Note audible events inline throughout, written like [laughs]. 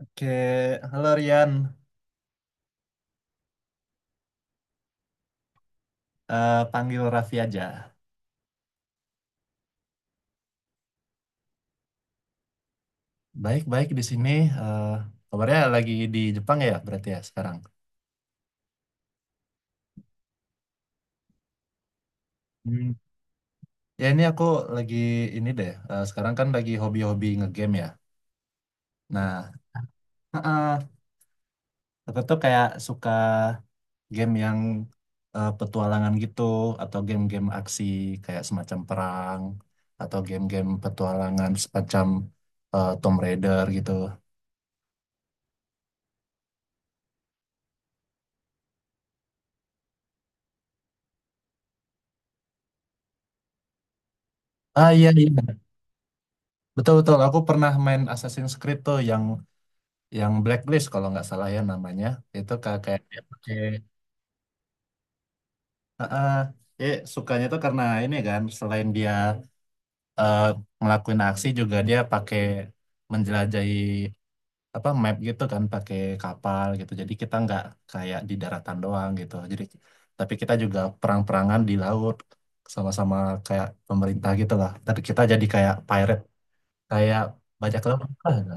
Oke, halo Rian. Panggil Raffi aja. Baik-baik di sini. eh, Kabarnya lagi di Jepang ya, berarti ya sekarang. Hmm. Ya ini aku lagi ini deh. Sekarang kan lagi hobi-hobi ngegame ya. Nah, heeh, aku tuh kayak suka game yang petualangan gitu, atau game-game aksi kayak semacam perang, atau game-game petualangan semacam Tomb Raider gitu. Ah iya, iya. Betul betul. Aku pernah main Assassin's Creed tuh yang blacklist kalau nggak salah ya namanya, itu kayak kayak dia pakai. Ah, ah. Sukanya tuh karena ini kan selain dia, eh, ngelakuin aksi juga dia pakai menjelajahi apa map gitu kan, pakai kapal gitu, jadi kita nggak kayak di daratan doang gitu, jadi tapi kita juga perang-perangan di laut sama-sama kayak pemerintah gitu lah, tapi kita jadi kayak pirate, kayak bajak laut lah [laughs] gitu.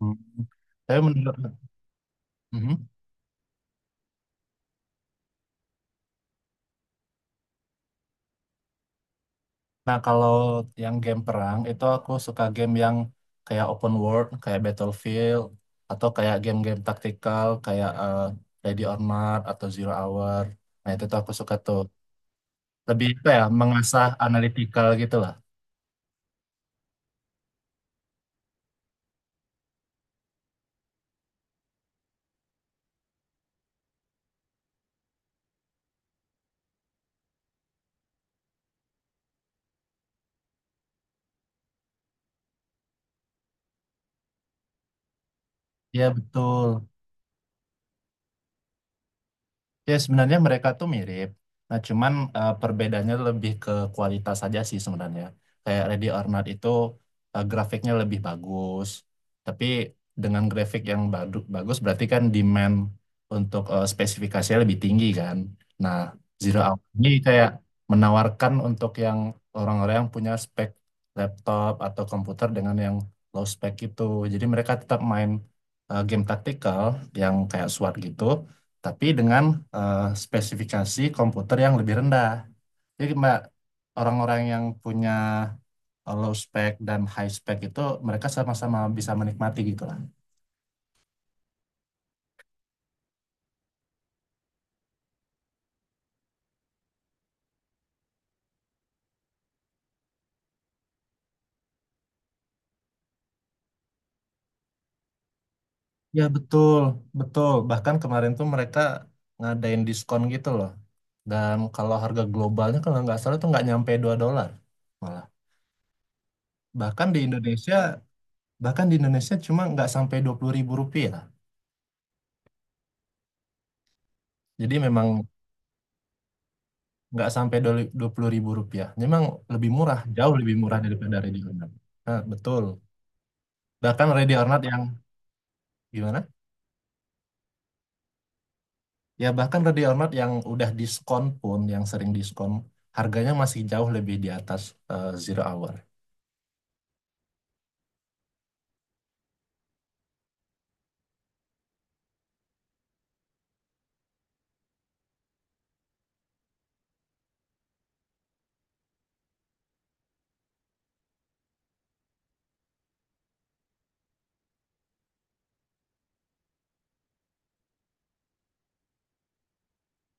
Hmm. Tapi menurut... Mhm. Nah, kalau yang game perang itu aku suka game yang kayak open world, kayak Battlefield, atau kayak game-game taktikal kayak Ready or Not atau Zero Hour. Nah, itu tuh aku suka tuh. Lebih apa ya, mengasah analytical gitu lah. Iya, betul. Ya sebenarnya mereka tuh mirip. Nah cuman perbedaannya lebih ke kualitas saja sih sebenarnya. Kayak Ready or Not itu grafiknya lebih bagus. Tapi dengan grafik yang bagus berarti kan demand untuk spesifikasinya lebih tinggi kan. Nah Zero Hour ini kayak menawarkan untuk yang orang-orang yang punya spek laptop atau komputer dengan yang low spek itu. Jadi mereka tetap main game taktikal yang kayak SWAT gitu, tapi dengan spesifikasi komputer yang lebih rendah. Jadi Mbak, orang-orang yang punya low spec dan high spec itu, mereka sama-sama bisa menikmati gitu lah. Ya betul, betul. Bahkan kemarin tuh mereka ngadain diskon gitu loh. Dan kalau harga globalnya kalau nggak salah tuh nggak nyampe $2 malah. Bahkan di Indonesia, bahkan di Indonesia cuma nggak sampai Rp20.000. Jadi memang nggak sampai dua puluh ribu rupiah. Memang lebih murah, jauh lebih murah daripada ready or not. Nah, betul. Bahkan ready or not yang gimana? Ya bahkan ready or not yang udah diskon pun, yang sering diskon, harganya masih jauh lebih di atas zero hour.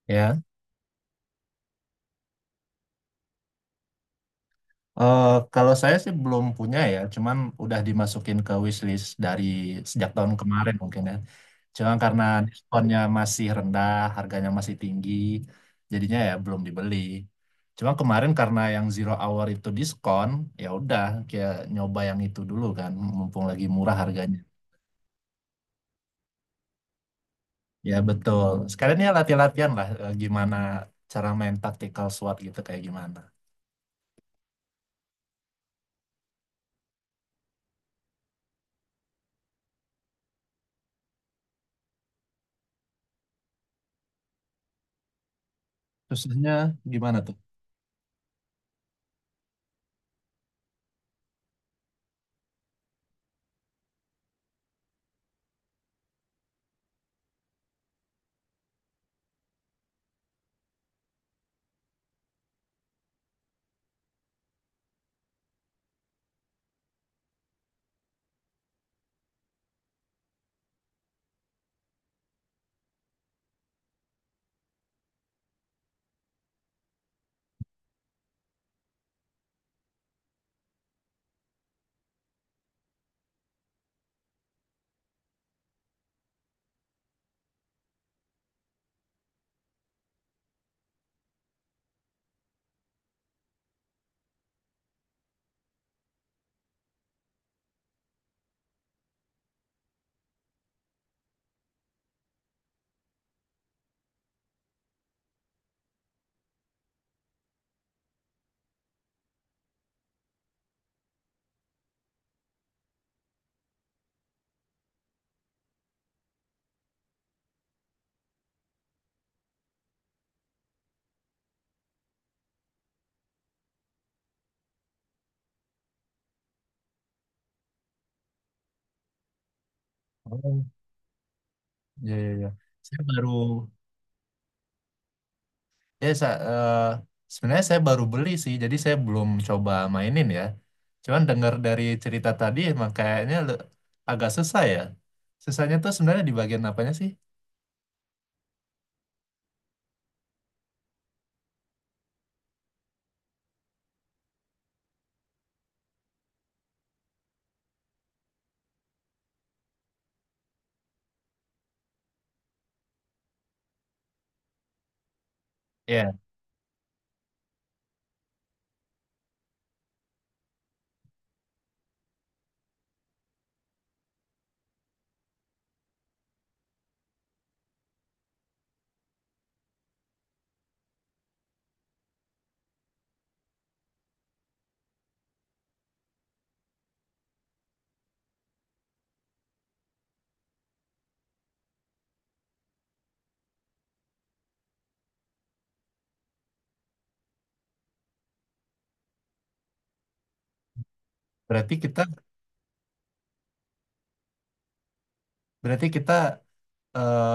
Ya. Eh, Kalau saya sih belum punya ya, cuman udah dimasukin ke wishlist dari sejak tahun kemarin mungkin ya. Cuman karena diskonnya masih rendah, harganya masih tinggi, jadinya ya belum dibeli. Cuma kemarin karena yang zero hour itu diskon, ya udah kayak nyoba yang itu dulu kan, mumpung lagi murah harganya. Ya betul. Sekalian ya latihan-latihan lah gimana cara main tactical SWAT gitu kayak gimana. Susahnya gimana tuh? Oh, ya ya ya. Saya baru... Ya, sa eh, Sebenarnya saya baru beli sih, jadi saya belum coba mainin ya. Cuman dengar dari cerita tadi, emang kayaknya agak susah ya. Susahnya tuh sebenarnya di bagian apanya sih? Ya, berarti kita eh,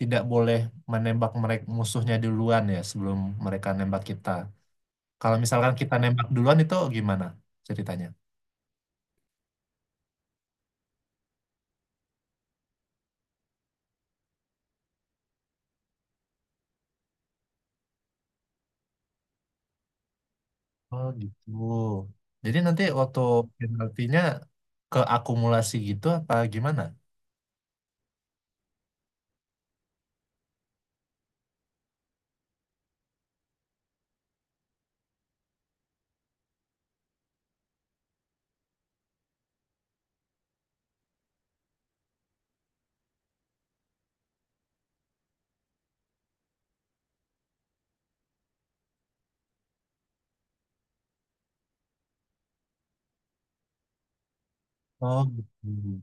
tidak boleh menembak mereka musuhnya duluan ya, sebelum mereka nembak kita. Kalau misalkan kita nembak duluan itu gimana ceritanya? Oh gitu. Jadi nanti waktu penaltinya keakumulasi gitu apa gimana? Oh gitu.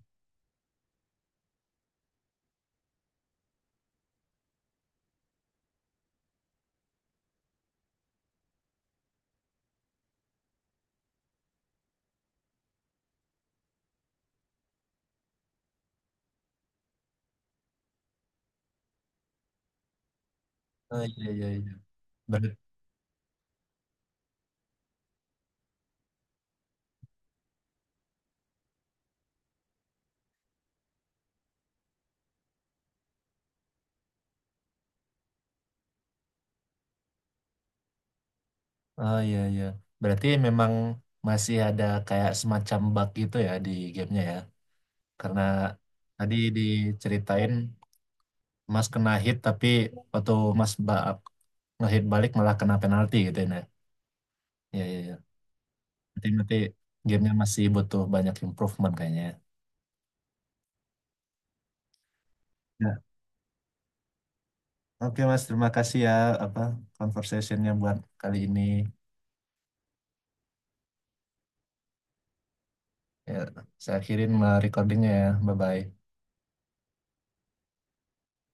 Oh iya iya iya. Ber- oh iya iya. Berarti memang masih ada kayak semacam bug gitu ya di gamenya ya. Karena tadi diceritain Mas kena hit tapi waktu Mas ngehit balik malah kena penalti gitu ya. Nah. Iya iya iya. Berarti berarti gamenya masih butuh banyak improvement kayaknya ya. Ya. Oke Mas, terima kasih ya apa conversationnya buat kali ini. Ya, saya akhirin recordingnya ya. Bye bye.